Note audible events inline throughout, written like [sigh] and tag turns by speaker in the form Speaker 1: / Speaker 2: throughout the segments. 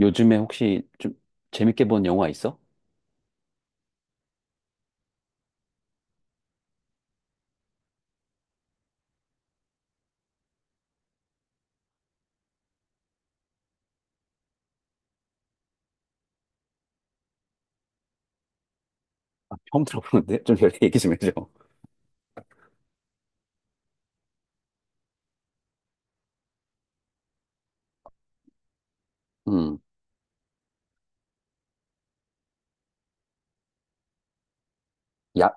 Speaker 1: 요즘에 혹시 좀 재밌게 본 영화 있어? 아, 처음 들어보는데? 좀 열심히 얘기 좀 해줘. 음, 야,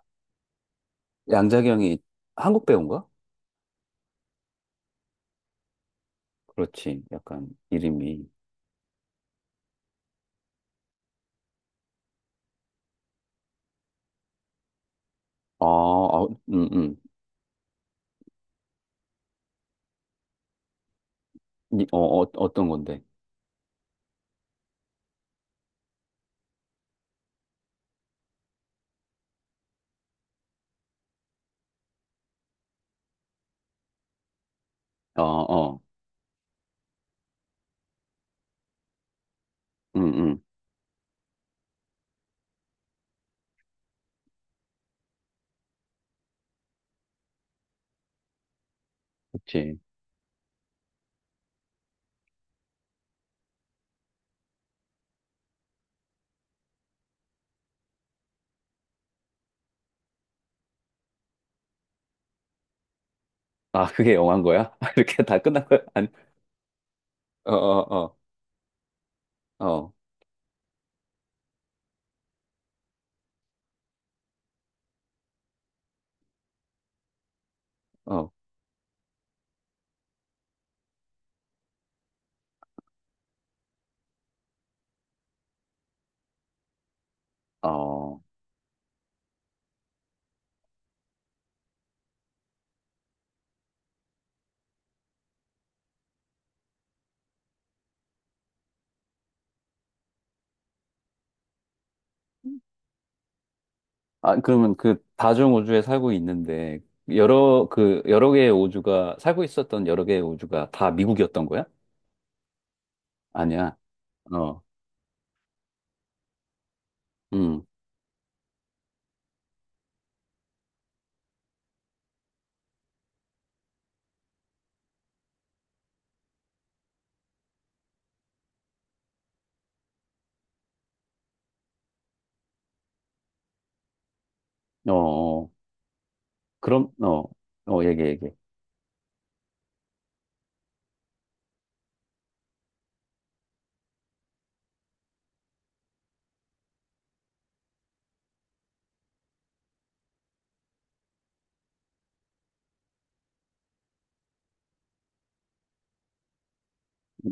Speaker 1: 양자경이 한국 배우인가? 그렇지. 약간 이름이. 아, 아, 음, 음. 어, 어, 어떤 건데? 어, 어, 음, 음. 그치. 아, 그게 영화인 거야? [laughs] 이렇게 다 끝난 거야? 아니, 어, 어, 어, 어. 어, 어. 아, 그러면 그 다중 우주에 살고 있는데, 여러, 그, 여러 개의 우주가, 살고 있었던 여러 개의 우주가 다 미국이었던 거야? 아니야. 어, 음, 어, 어. 그럼, 어, 어, 얘기.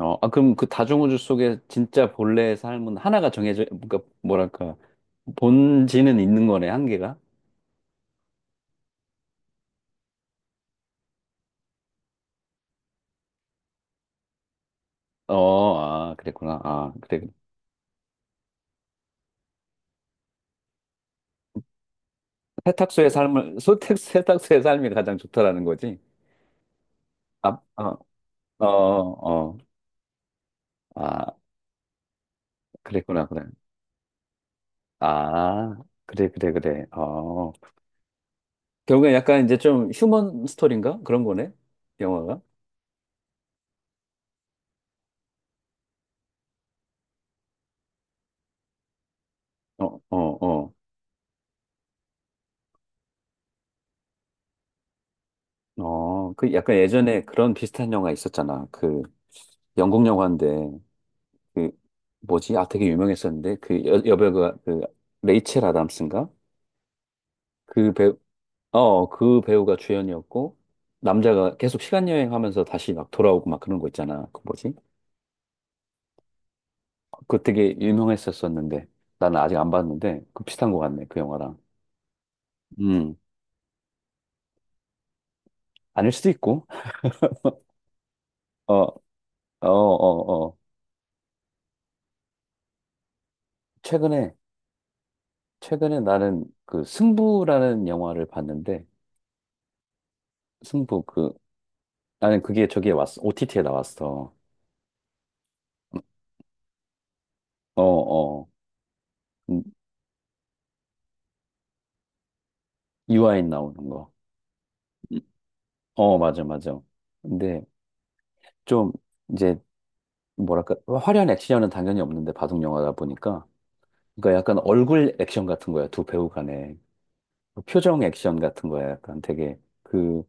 Speaker 1: 어, 아, 그럼 그 다중 우주 속에 진짜 본래의 삶은 하나가 정해져, 그러니까, 뭐랄까, 본질은 있는 거네, 한계가? 어, 아, 그랬구나. 아, 그래. 그래. 세탁소의 삶을, 소택, 세탁소의 삶이 가장 좋다라는 거지? 아, 어, 어, 어. 아, 그랬구나, 그래. 아, 그래, 그래, 그래. 어. 결국엔 약간 이제 좀 휴먼 스토리인가? 그런 거네? 영화가? 어, 어, 어. 어, 그 약간 예전에 그런 비슷한 영화 있었잖아. 그 영국 영화인데, 그 뭐지? 아, 되게 유명했었는데, 그 여, 여배우가 그 레이첼 아담스인가? 그 배우, 어, 그 배우가 주연이었고, 남자가 계속 시간 여행하면서 다시 막 돌아오고 막 그런 거 있잖아. 그 뭐지? 그거 되게 유명했었었는데 나는 아직 안 봤는데 그 비슷한 것 같네 그 영화랑. 음. 아닐 수도 있고. 어, 어, 어, 어. 최근에 최근에 나는 그 승부라는 영화를 봤는데. 승부, 그, 나는 그게 저기에 왔어. OTT에 나왔어. 어어 유아인 나오는 거. 어, 맞아, 맞아. 근데 좀 이제 뭐랄까 화려한 액션은 당연히 없는데 바둑 영화다 보니까 그러니까 약간 얼굴 액션 같은 거야 두 배우 간에. 표정 액션 같은 거야. 약간 되게 그,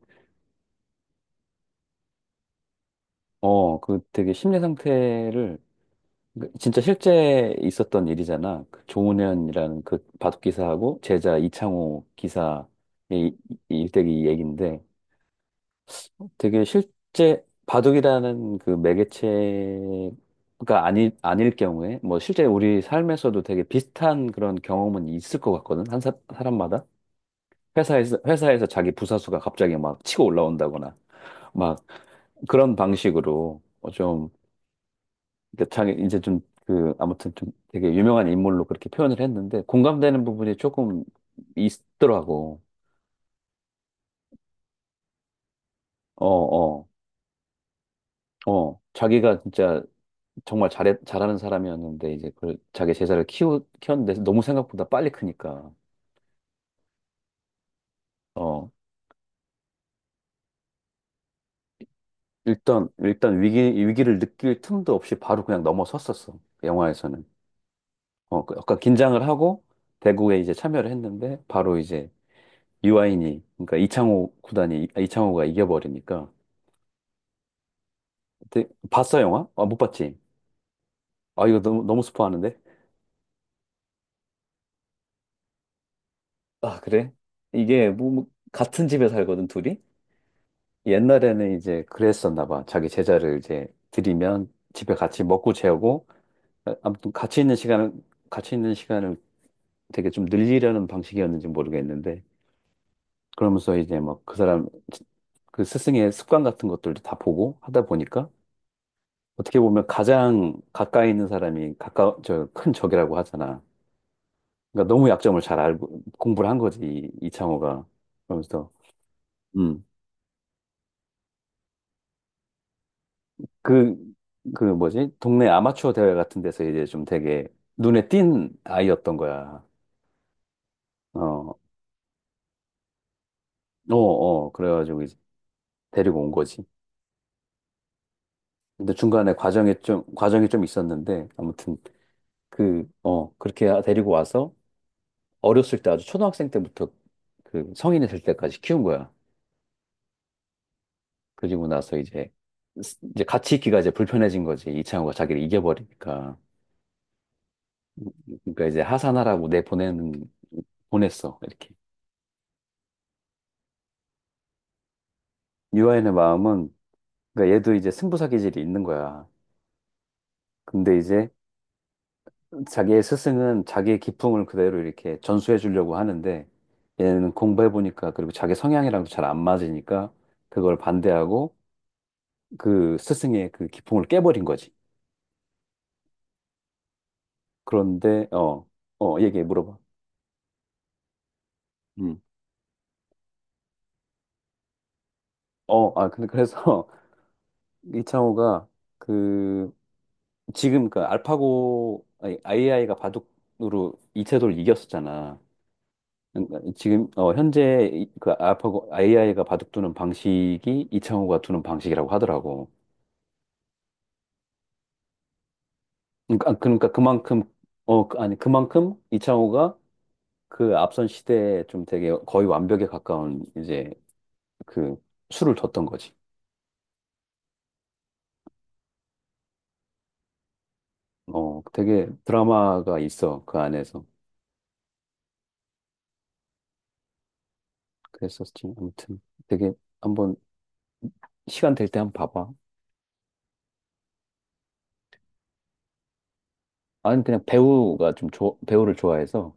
Speaker 1: 어, 그 되게 심리 상태를, 그 진짜 실제 있었던 일이잖아. 그 조은현이라는 그 바둑 기사하고 제자 이창호 기사 의 일대기 얘기인데 되게 실제 바둑이라는 그 매개체가 아니, 아닐 경우에 뭐 실제 우리 삶에서도 되게 비슷한 그런 경험은 있을 것 같거든. 한 사, 사람마다. 회사에서, 자기 부사수가 갑자기 막 치고 올라온다거나 막 그런 방식으로 어, 좀 그러니까 자기 이제 좀 그 아무튼 좀 되게 유명한 인물로 그렇게 표현을 했는데 공감되는 부분이 조금 있더라고. 어, 어, 어. 자기가 진짜 정말 잘해, 잘하는 사람이었는데 이제 그 자기 제자를 키우 키웠는데 너무 생각보다 빨리 크니까. 어. 일단 위기, 위기를 느낄 틈도 없이 바로 그냥 넘어섰었어 영화에서는. 어, 그 약간 긴장을 하고 대구에 이제 참여를 했는데 바로 이제 유아인이, 그러니까 이창호 구단이, 아, 이창호가 이겨버리니까. 근데 봤어 영화? 아 못 봤지? 아 이거 너무 너무 스포하는데. 아, 그래? 이게 뭐, 뭐, 같은 집에 살거든, 둘이? 옛날에는 이제 그랬었나 봐. 자기 제자를 이제 들이면 집에 같이 먹고 재우고 아, 아무튼 같이 있는 시간을 되게 좀 늘리려는 방식이었는지 모르겠는데 그러면서 이제 막 그 사람, 그 스승의 습관 같은 것들도 다 보고 하다 보니까 어떻게 보면 가장 가까이 있는 사람이 가까 저 큰 적이라고 하잖아. 그러니까 너무 약점을 잘 알고 공부를 한 거지 이창호가. 그러면서. 음. 그, 그 뭐지? 동네 아마추어 대회 같은 데서 이제 좀 되게 눈에 띈 아이였던 거야. 어. 어, 어. 그래가지고 이제 데리고 온 거지. 근데 중간에 과정에 좀 과정이 좀 있었는데 아무튼 그 어, 그렇게 데리고 와서 어렸을 때 아주 초등학생 때부터 그 성인이 될 때까지 키운 거야. 그리고 나서 이제 이제 같이 있기가 이제 불편해진 거지. 이창호가 자기를 이겨버리니까. 그러니까 이제 하산하라고 내보내는 보냈어. 이렇게. 유아인의 마음은 그러니까 얘도 이제 승부사 기질이 있는 거야. 근데 이제 자기의 스승은 자기의 기풍을 그대로 이렇게 전수해 주려고 하는데 얘는 공부해 보니까 그리고 자기 성향이랑도 잘 안 맞으니까 그걸 반대하고 그 스승의 그 기풍을 깨버린 거지. 그런데 어, 어, 얘기해 물어봐. 음. 어, 아, 근데 그래서 이창호가 그 지금 그 알파고 아니, 아이아이가 바둑으로 이세돌 이겼었잖아. 그러니까 지금 어, 현재 그 알파고 아이아이가 바둑 두는 방식이 이창호가 두는 방식이라고 하더라고. 그러니까 아, 그러니까 그만큼. 어 아니 그만큼 이창호가 그 앞선 시대에 좀 되게 거의 완벽에 가까운 이제 그 수를 뒀던 거지. 어 되게 드라마가 있어 그 안에서. 그랬었지. 아무튼 되게 한번 시간 될 때 한번 봐봐. 아니, 그냥 배우가 좀 배우를 좋아해서.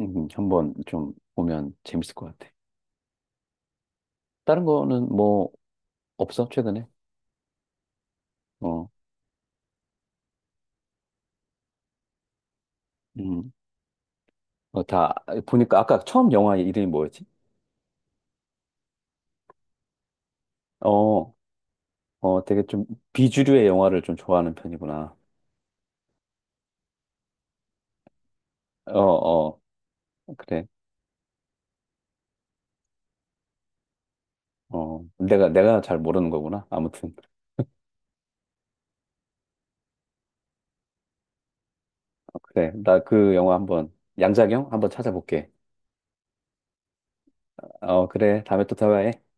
Speaker 1: 한번 좀 보면 재밌을 것 같아. 다른 거는 뭐, 없어, 최근에? 어, 음, 어, 다, 보니까 아까 처음 영화 이름이 뭐였지? 어, 어, 되게 좀 비주류의 영화를 좀 좋아하는 편이구나. 어, 어, 그래. 어, 내가, 내가 잘 모르는 거구나. 아무튼. 그래. 나 그 영화 한번, 양자경? 한번 찾아볼게. 어, 그래. 다음에 또 대화해.